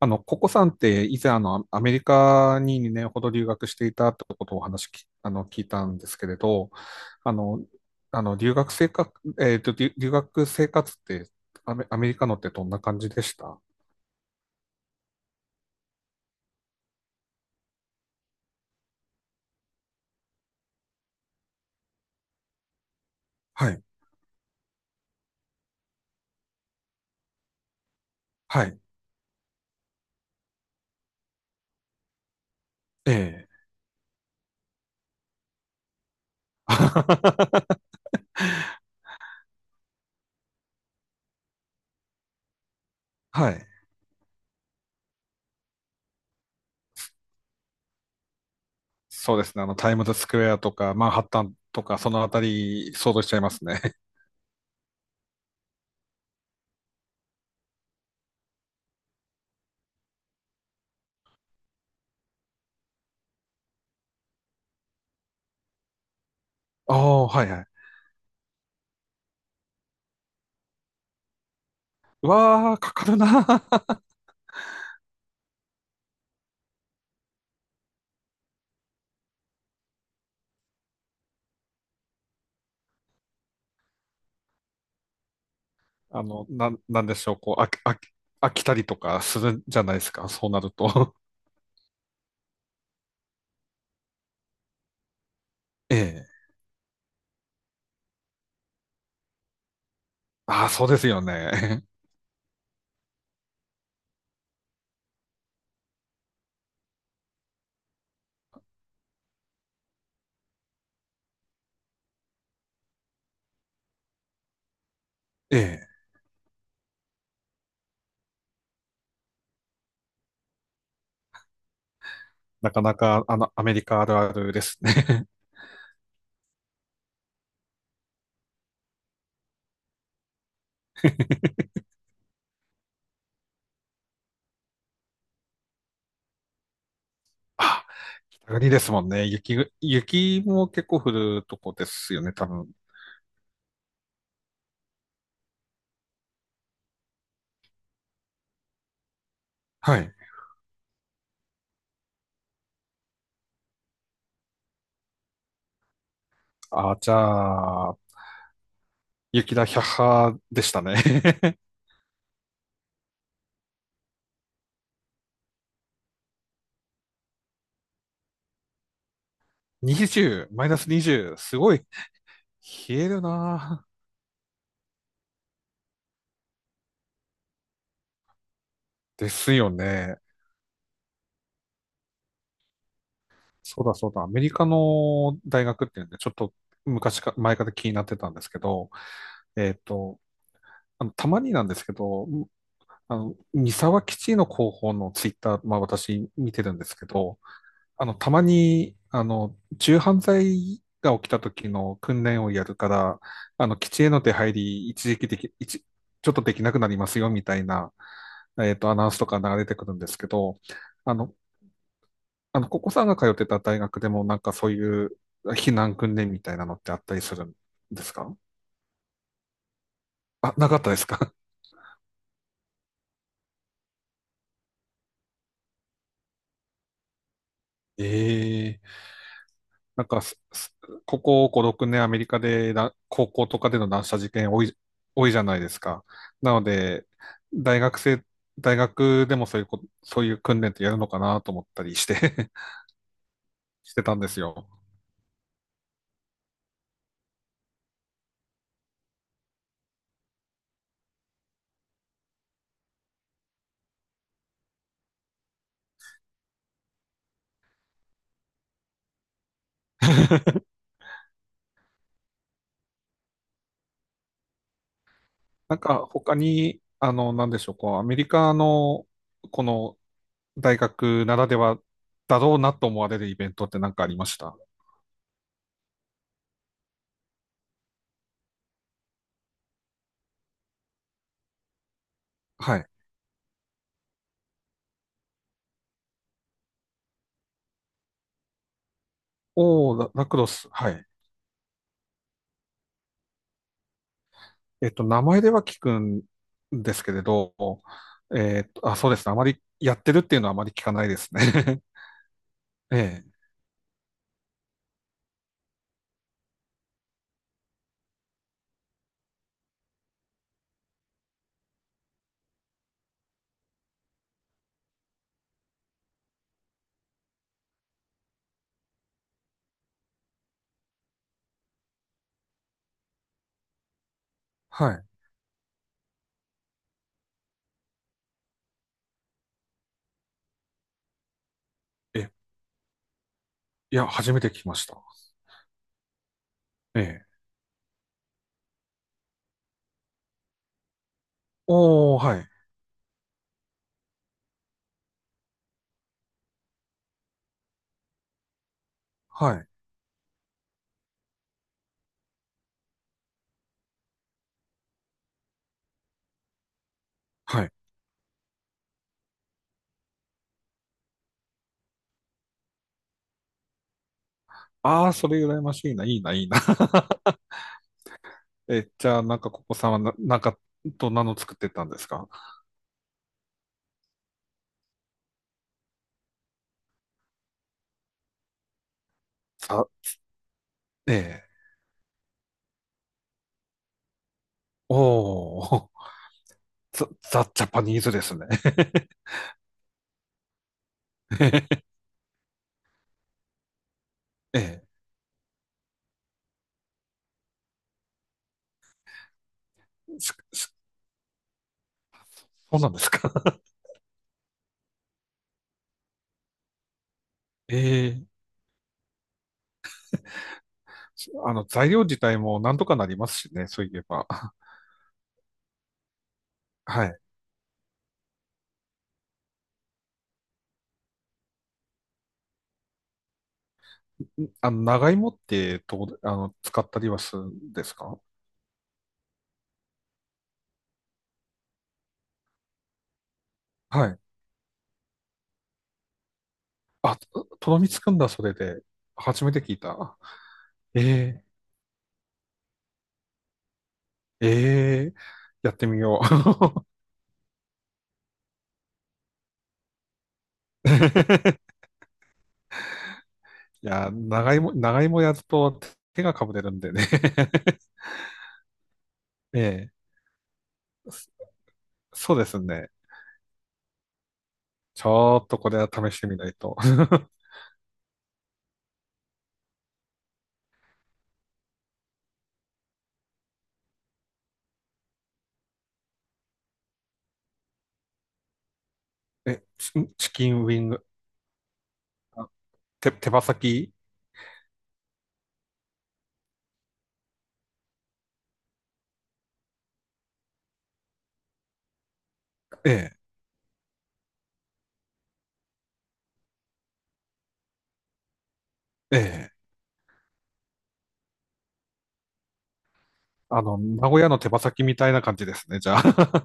ココさんって以前アメリカに2年ほど留学していたってことをお話き、あの、聞いたんですけれど、あの、あの、留学生活、留学生活ってアメリカのってどんな感じでした？はい。はい。ええ。はい。そうですね。タイムズスクエアとか、マンハッタンとか、そのあたり、想像しちゃいますね。ああ、はいはい。うわあ、かかるな。なんでしょう、こう、飽きたりとかするんじゃないですか、そうなると。ええ。ああ、そうですよね。ええ。なかなか、アメリカあるあるですね。あ、北国ですもんね。雪も結構降るとこですよね、多分。はい。ああ、じゃあ、雪だ、百派でしたね。20、マイナス20、すごい、冷えるな。ですよね。そうだそうだ、アメリカの大学っていうんで、ちょっと前から気になってたんですけど、えっと、たまになんですけど、三沢基地の広報のツイッター、まあ私見てるんですけど、たまに、銃犯罪が起きた時の訓練をやるから、基地への出入り、一時期でき、一、ちょっとできなくなりますよ、みたいな、アナウンスとか流れてくるんですけど、あの、ここさんが通ってた大学でもなんかそういう避難訓練みたいなのってあったりするんですか？あ、なかったですか？ ええ。なんかす、すここ5、6年アメリカでな高校とかでの乱射事件多いじゃないですか。なので、大学生、大学でもそういうこ、そういう訓練ってやるのかなと思ったりして してたんですよ。なんか他に、なんでしょう、こう、アメリカの、この大学ならではだろうなと思われるイベントって何かありました？はい。おー、ラクロス。はい。名前では聞くんですけれど、あ、そうですね。あまりやってるっていうのはあまり聞かないですね。ええ。はい。え、いや、初めて聞きました。ええ。おー、はい。はい。はい。ああ、それ羨ましいな、いいな、いいな。え、じゃあ、なんか、ここさんはどんなの作ってたんですか？さ、ええ。おー、ザ・ジャパニーズですね。ええ。すすそうなんですか。え、ええ。材料自体もなんとかなりますしね、そういえば。はい。長芋ってとこあの、使ったりはするんですか？はい。あ、とろみつくんだ、それで。初めて聞いた。ええ、ええ、やってみよう。いや、長芋やると手がかぶれるんでね。ええ、そそうですね。ちょっとこれは試してみないと。え、チキンウィング、あ手、手羽先。ええ、ええ。名古屋の手羽先みたいな感じですね、じゃあ。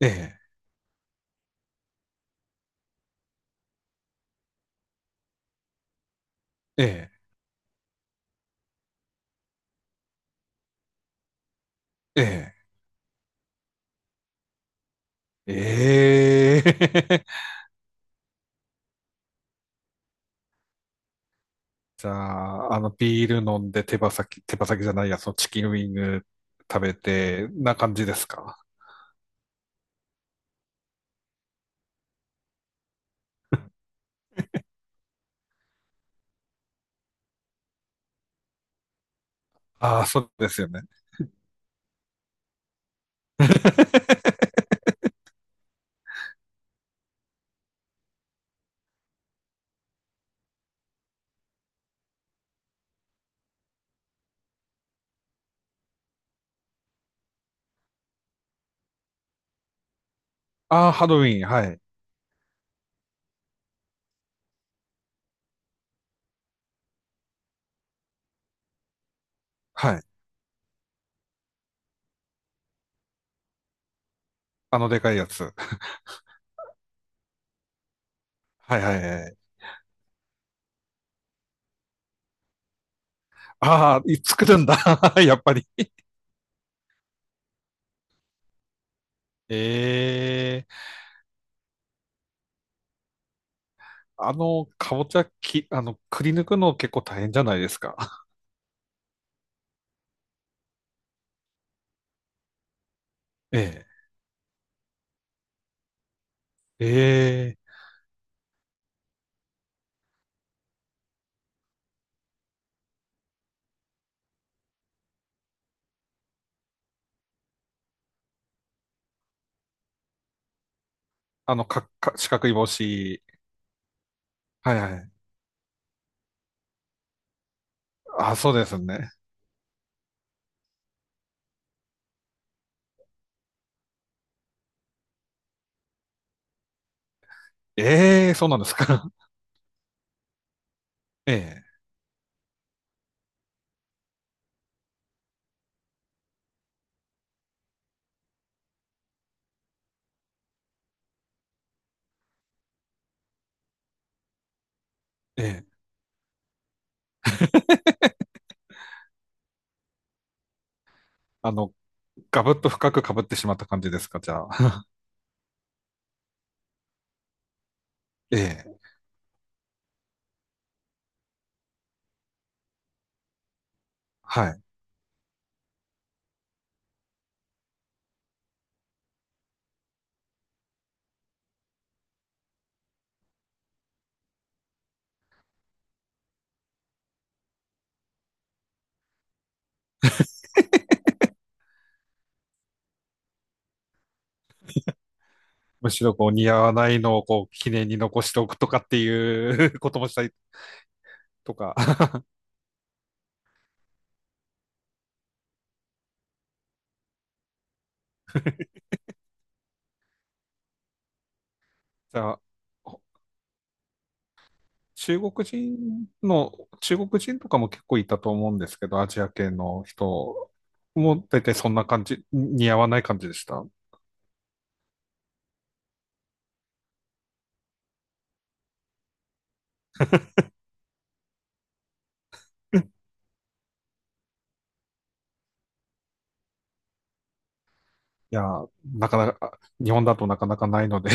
ええ、ええ、ええ。ええ じゃあ、ビール飲んで手羽先、手羽先じゃないや、そのチキンウィング食べて、な感じですか？ ああ、そうですよね。ああ、ハロウィン、はい。はい。あのでかいやつ。はいはいはい。ああ、作るんだ。やっぱり。ええ。あの、かぼちゃき、あの、くり抜くの結構大変じゃないですか。ええ。ええ。あの、か、か、四角い帽子。はいはい。あ、そうですね。ええ、そうなんですか。ええええ。あの、ガブッと深く被ってしまった感じですか、じゃあ。ええ。はい。むしろこう似合わないのをこう記念に残しておくとかっていう こともしたりとか。じゃあ、中国人の、中国人とかも結構いたと思うんですけど、アジア系の人も大体そんな感じ、似合わない感じでした？いやー、なかなか、日本だとなかなかないので。